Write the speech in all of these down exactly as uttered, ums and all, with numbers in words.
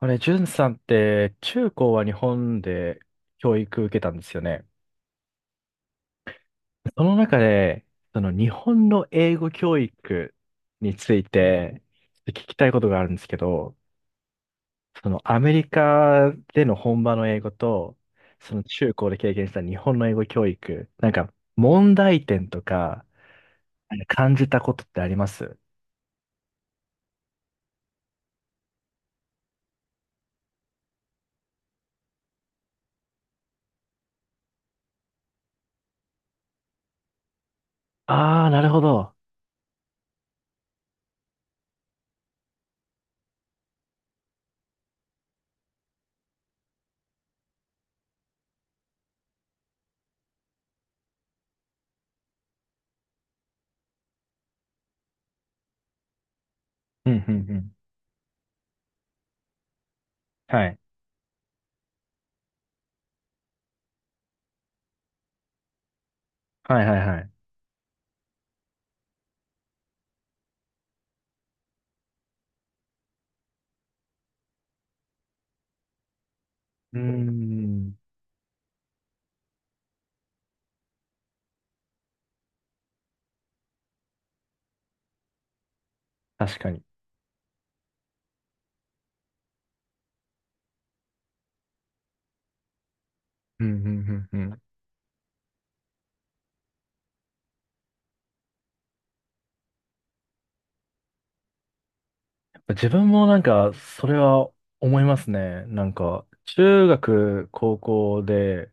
あれ、んさんって中高は日本で教育受けたんですよね。その中で、その日本の英語教育について聞きたいことがあるんですけど、そのアメリカでの本場の英語と、その中高で経験した日本の英語教育、なんか問題点とかなんか感じたことってあります。ああー、なるほど。うん、うん、うん。はい。はい、はい、はい。うーん、確かに。うん、うん、うん、うん。自分もなんか、それは思いますね。なんか、中学、高校で、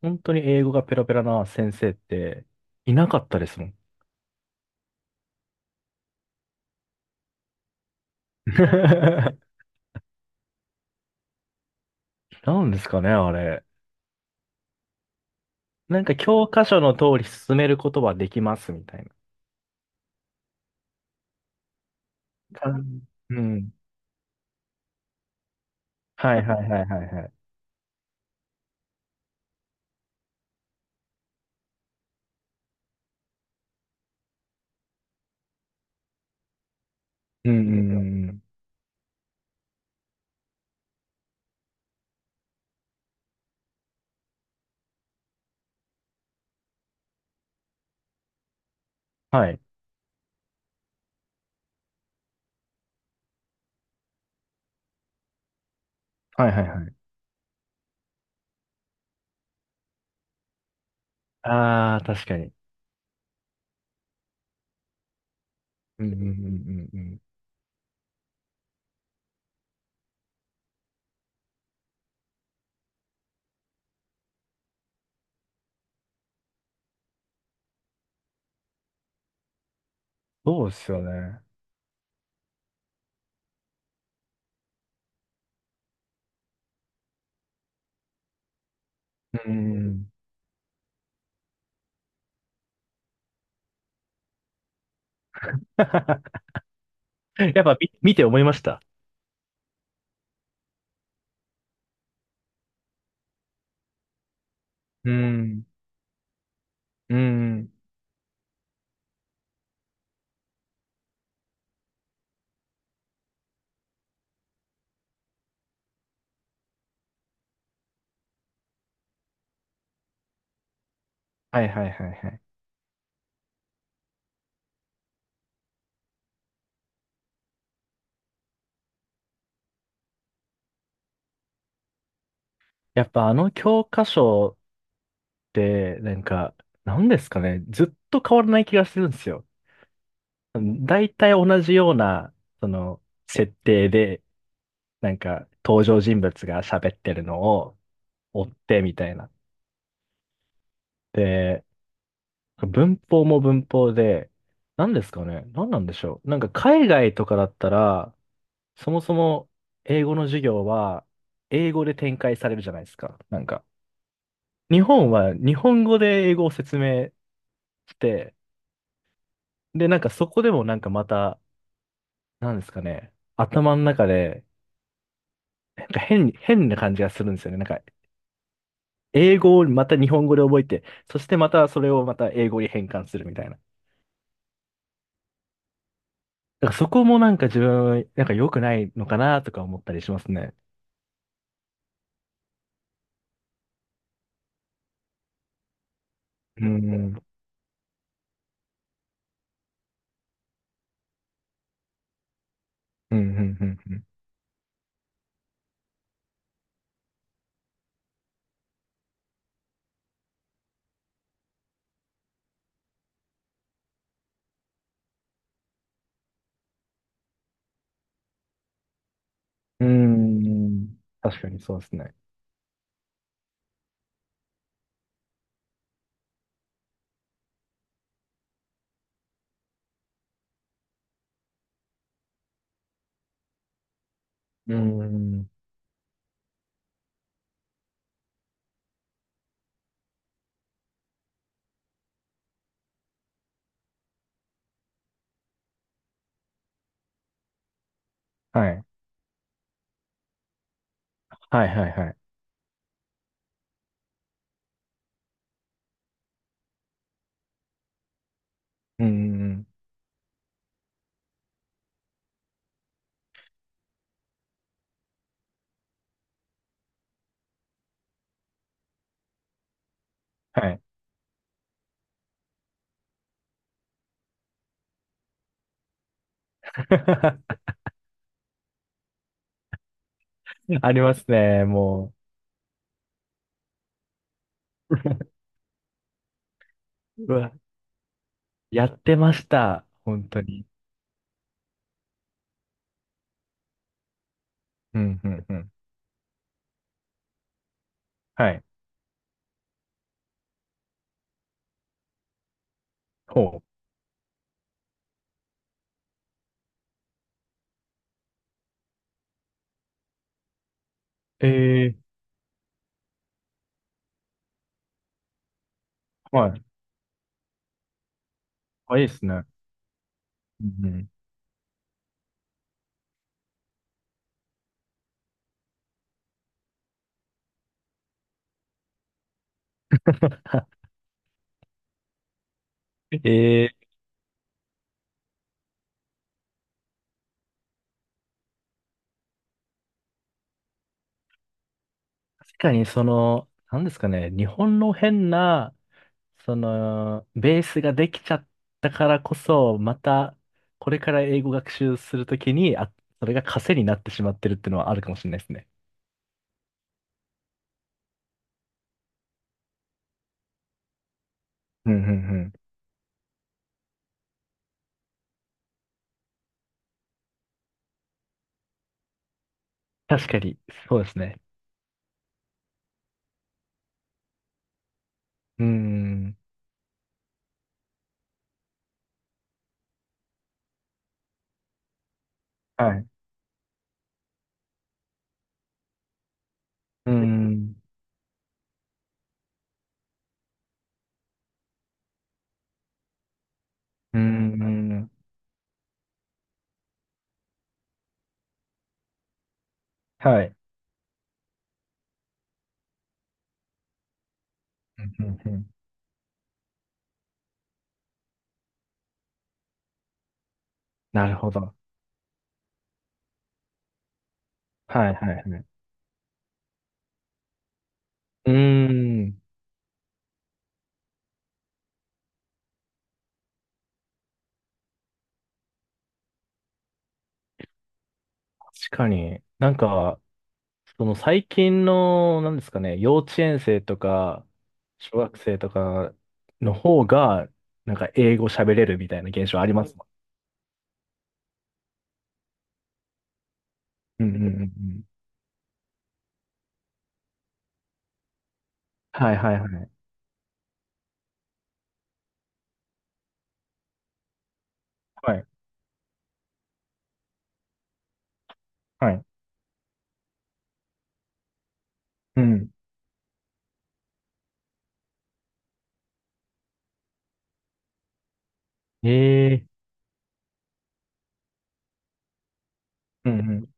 本当に英語がペラペラな先生っていなかったですもん。なんですかね、あれ。なんか教科書の通り進めることはできますみたいな。かうん。はいはいはいはいはい。うんうんうんうん。はい。はいはいはい。ああ、確かに。うんうんうんうんうん。そうですよね。うんうんうん。やっぱ見、見て思いました。うん。うーん。はいはいはいはい。やっぱあの教科書って、なんか、なんですかね。ずっと変わらない気がするんですよ。大体同じような、その、設定で、なんか、登場人物が喋ってるのを追ってみたいな。で、文法も文法で、なんですかね。なんなんでしょう。なんか海外とかだったら、そもそも英語の授業は英語で展開されるじゃないですか。なんか日本は日本語で英語を説明して、で、なんかそこでもなんかまた、なんですかね、頭の中で、なんか変に、変な感じがするんですよね。なんか、英語をまた日本語で覚えて、そしてまたそれをまた英語に変換するみたいな。だからそこもなんか自分、なんか良くないのかなとか思ったりしますね。うん、うん、うん、うん、うん。うん、確かにそうですね。うん、はい。はい、はい、はい。うん、はい。ありますね、もう。うわ、やってました。本当に。うん、うん、うん。はい。ほうええはい。あ、いいですね。うんうん。ええ確かにその、なんですかね、日本の変な、その、ベースができちゃったからこそ、また、これから英語学習するときに、あ、それが枷になってしまってるっていうのはあるかもしれないですね。うん、うん、うん。確かに、そうですね。うーん。はい。うーん。うーん。はい。うんうんうん、なるほど。はいはいはい。うーん。確かに。なんか、その最近の、なんですかね、幼稚園生とか、小学生とかの方が、なんか英語喋れるみたいな現象ありますもん。うんうんうんうん。はいはいはい。はい。はい。うん。ええ、うんう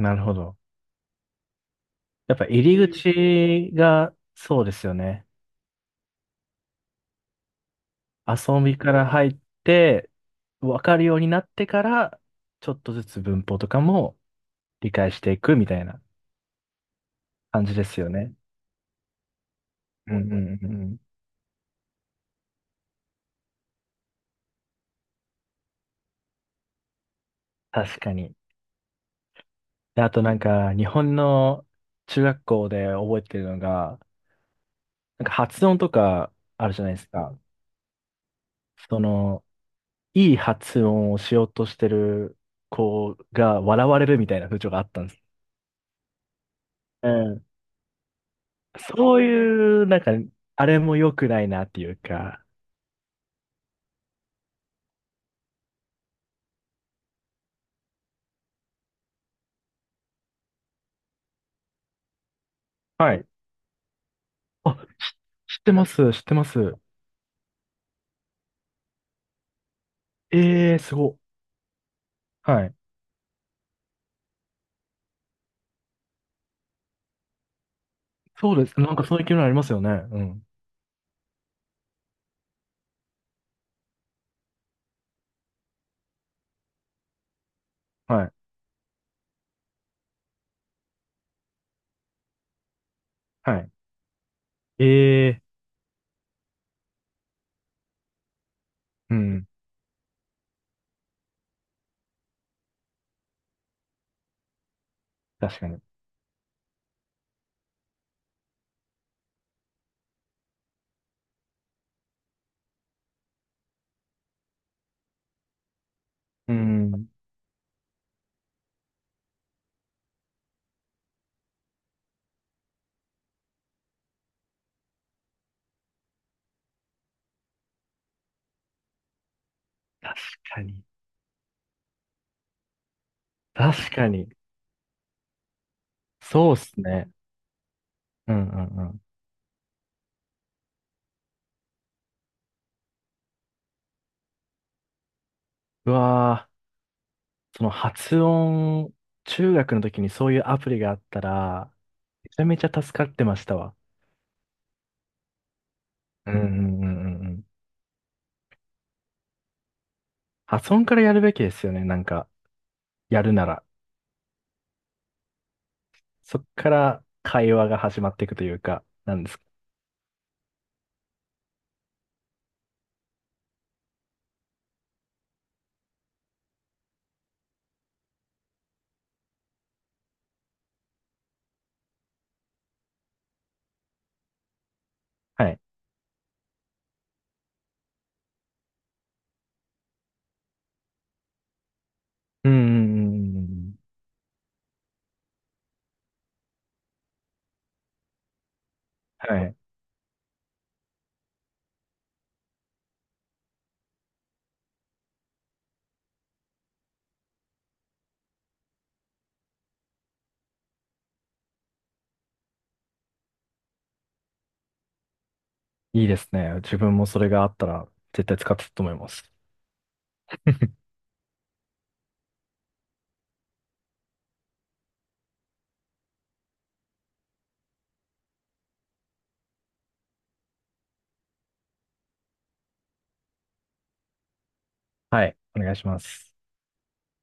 ん。なるほど。やっぱ入り口が、そうですよね。遊びから入って、わかるようになってから、ちょっとずつ文法とかも、理解していくみたいな感じですよね。うんうんうん。確かに。であとなんか、日本の中学校で覚えてるのが、なんか発音とかあるじゃないですか。その、いい発音をしようとしてる子が笑われるみたいな風潮があったんです。うん。そういう、なんか、あれも良くないなっていうか、はい。あ、し知ってます、知ってます。ええー、すご。はい。そうです。なんかそういう機能ありますよね。うん。はい。はい。ええ、うん。確かに。うん。確かに。確かに。そうっすね。うんうんうん。うわー、その発音、中学の時にそういうアプリがあったら、めちゃめちゃ助かってましたわ。うんうんうんうんうん。発音からやるべきですよね。なんか、やるなら。そっから会話が始まっていくというか、なんですか。はい。うんうんうんうんうん。はい。いいですね。自分もそれがあったら、絶対使ってたと思います。はい。お願いします。